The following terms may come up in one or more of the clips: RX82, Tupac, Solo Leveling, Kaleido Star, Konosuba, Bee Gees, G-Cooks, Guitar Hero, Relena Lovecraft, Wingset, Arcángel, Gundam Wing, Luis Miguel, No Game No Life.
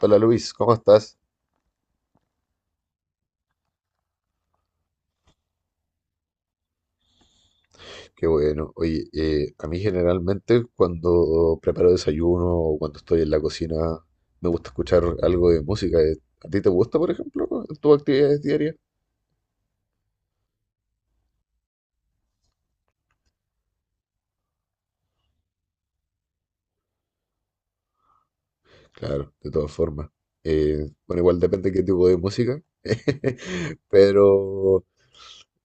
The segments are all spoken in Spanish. Hola Luis, ¿cómo estás? Qué bueno. Oye, a mí generalmente cuando preparo desayuno o cuando estoy en la cocina me gusta escuchar algo de música. ¿A ti te gusta, por ejemplo, en tus actividades diarias? Claro, de todas formas. Bueno, igual depende qué tipo de música, pero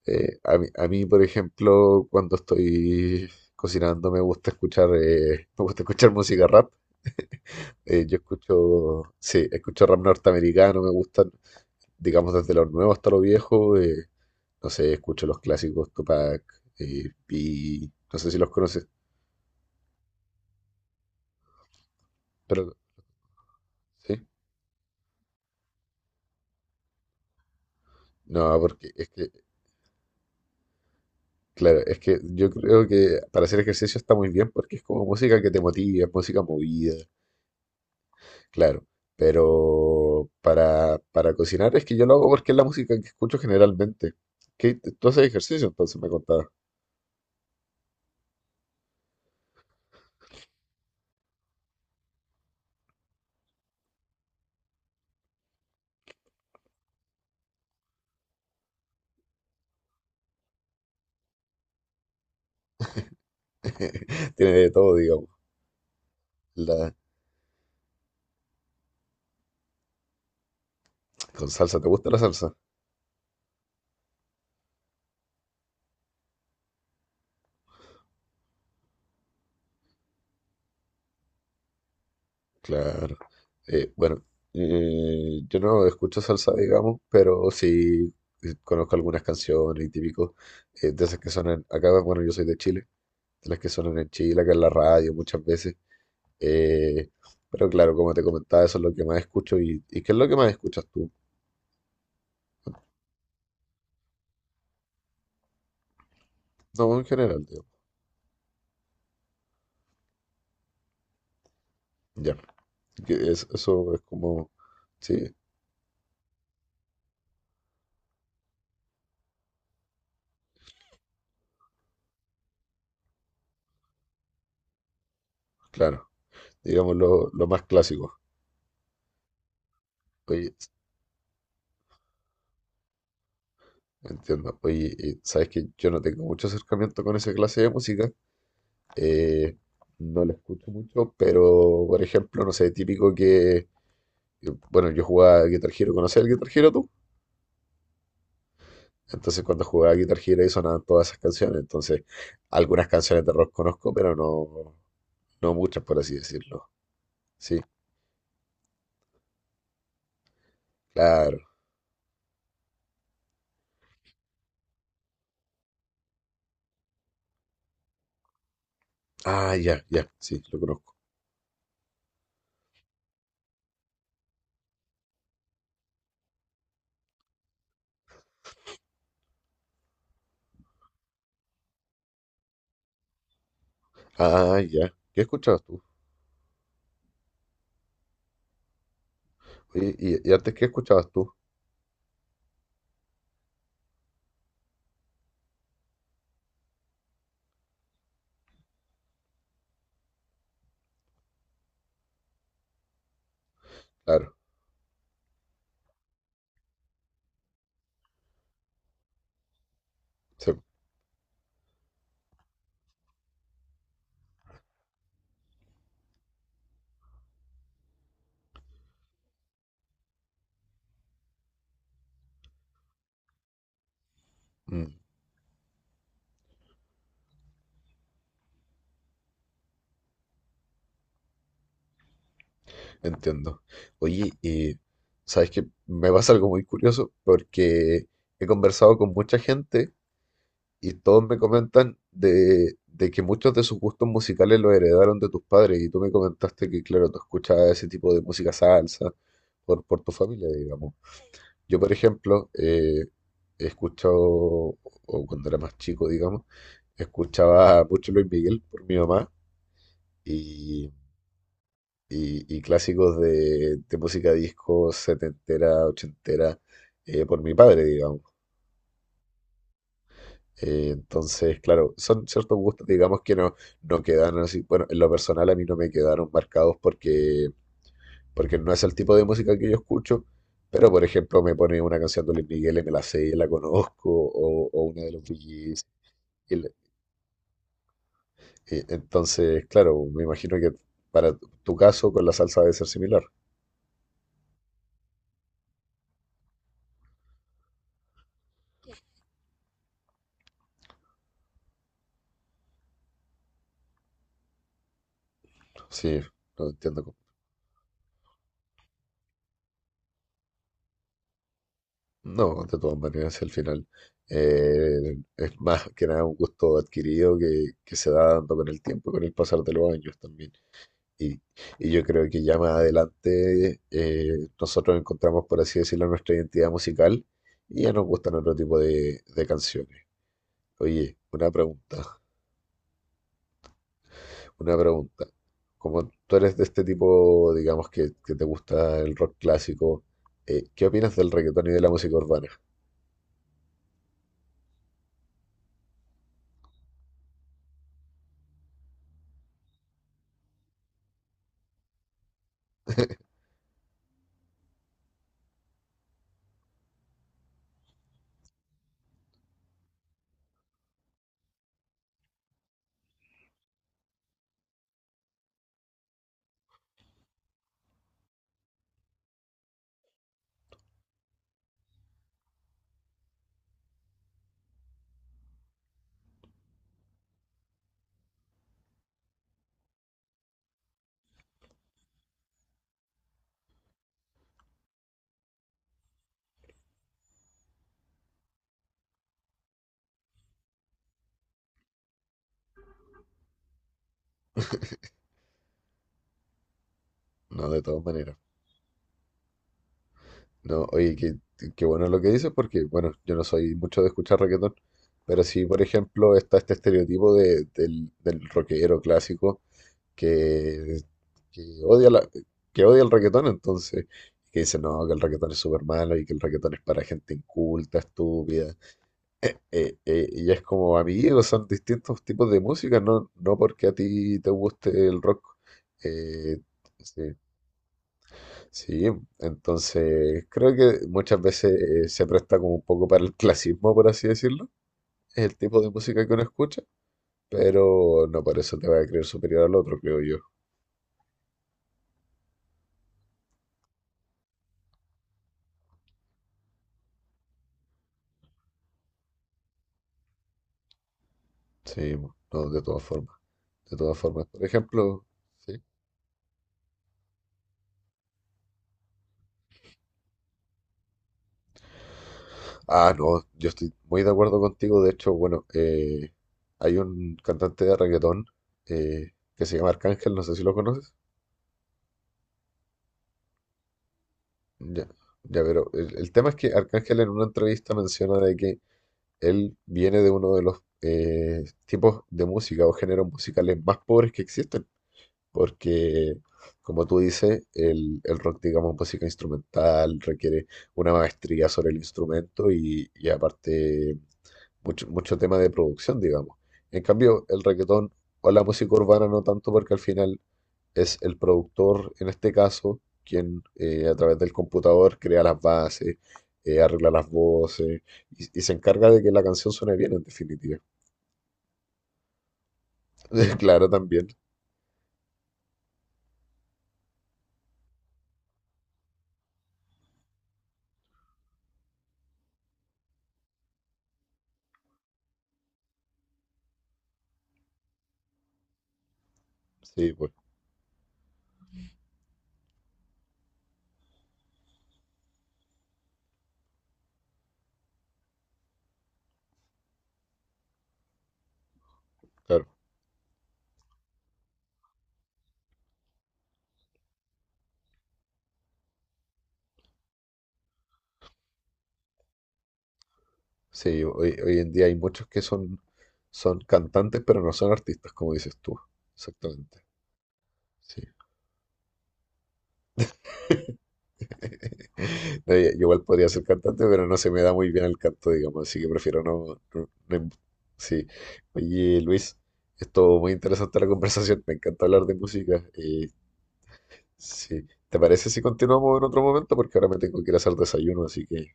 a mí, por ejemplo, cuando estoy cocinando me gusta escuchar, me gusta escuchar música rap. Yo escucho, sí, escucho rap norteamericano, me gusta, digamos, desde lo nuevo hasta lo viejo. No sé, escucho los clásicos Tupac, y no sé si los conoces, pero sí. No, porque es que, claro, es que yo creo que para hacer ejercicio está muy bien porque es como música que te motiva, es música movida, claro. Pero para cocinar es que yo lo hago porque es la música que escucho generalmente. ¿Qué, tú haces ejercicio? Entonces me contabas. Tiene de todo, digamos. La, con salsa, ¿te gusta la salsa? Claro. Bueno, yo no escucho salsa, digamos, pero sí, conozco algunas canciones y típicos, de esas que suenan acá. Bueno, yo soy de Chile, de las que suenan en Chile, acá en la radio muchas veces. Eh, pero claro, como te comentaba, eso es lo que más escucho y, ¿y qué es lo que más escuchas tú? No, en general, digo. Ya, eso es como, sí, claro, digamos lo más clásico. Oye, entiendo. Oye, y sabes que yo no tengo mucho acercamiento con esa clase de música. Eh, no lo escucho mucho, pero por ejemplo, no sé, típico que, bueno, yo jugaba Guitar Hero, ¿conocías el Guitar Hero tú? Entonces cuando jugaba Guitar Hero ahí sonaban todas esas canciones, entonces algunas canciones de rock conozco, pero no, no muchas, por así decirlo. Sí, claro. Ah, ya, ya, sí, lo conozco. Ah, ya. ¿Qué escuchabas tú? Oye, y, ¿y antes, qué escuchabas tú? Claro. Sí. Mm. Entiendo. Oye, y sabes que me pasa algo muy curioso porque he conversado con mucha gente y todos me comentan de que muchos de sus gustos musicales los heredaron de tus padres y tú me comentaste que, claro, tú escuchabas ese tipo de música salsa por tu familia, digamos. Yo, por ejemplo, he escuchado, o cuando era más chico, digamos, escuchaba mucho Luis Miguel por mi mamá y clásicos de música disco setentera, ochentera, por mi padre, digamos. Entonces, claro, son ciertos gustos, digamos, que no, no quedan así. Bueno, en lo personal a mí no me quedaron marcados porque, porque no es el tipo de música que yo escucho, pero por ejemplo me pone una canción de Luis Miguel y me la sé y la conozco, o una de los Bee Gees, y entonces, claro, me imagino que para tu tu caso con la salsa debe ser similar. Sí, no entiendo. No, de todas maneras, si al final es más que nada un gusto adquirido que se va dando con el tiempo, con el pasar de los años también. Y, y yo creo que ya más adelante nosotros encontramos, por así decirlo, nuestra identidad musical y ya nos gustan otro tipo de canciones. Oye, una pregunta, una pregunta. Como tú eres de este tipo, digamos, que te gusta el rock clásico, ¿qué opinas del reggaetón y de la música urbana? No, de todas maneras. No, oye, qué, qué bueno lo que dices, porque, bueno, yo no soy mucho de escuchar reggaetón, pero sí, por ejemplo, está este estereotipo del, del rockero clásico que, que odia la, que odia el reggaetón, entonces, que dice, no, que el reggaetón es súper malo y que el reggaetón es para gente inculta, estúpida. Y es como, amigos, son distintos tipos de música, no, no porque a ti te guste el rock. eh, sí. Sí, entonces creo que muchas veces se presta como un poco para el clasismo, por así decirlo, es el tipo de música que uno escucha, pero no por eso te va a creer superior al otro, creo yo. Sí, no, de todas formas, de todas formas. Por ejemplo, sí. Ah, no, yo estoy muy de acuerdo contigo, de hecho, bueno, hay un cantante de reggaetón, que se llama Arcángel, no sé si lo conoces. Ya, ya, pero el tema es que Arcángel en una entrevista menciona de que él viene de uno de los, tipos de música o géneros musicales más pobres que existen, porque, como tú dices, el rock, digamos, música instrumental requiere una maestría sobre el instrumento y aparte mucho, mucho tema de producción, digamos. En cambio, el reggaetón o la música urbana no tanto porque al final es el productor, en este caso, quien, a través del computador crea las bases, arregla las voces y se encarga de que la canción suene bien, en definitiva. Claro, también. Sí, pues, claro. Sí, hoy, hoy en día hay muchos que son, son cantantes, pero no son artistas, como dices tú. Exactamente. Sí. No, yo igual podría ser cantante, pero no se me da muy bien el canto, digamos, así que prefiero no, Sí. Oye, Luis, esto muy interesante la conversación, me encanta hablar de música. Sí. ¿Te parece si continuamos en otro momento? Porque ahora me tengo que ir a hacer desayuno, así que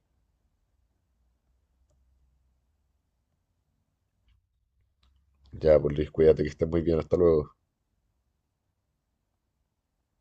ya, pues Luis, cuídate, que estés muy bien, hasta luego.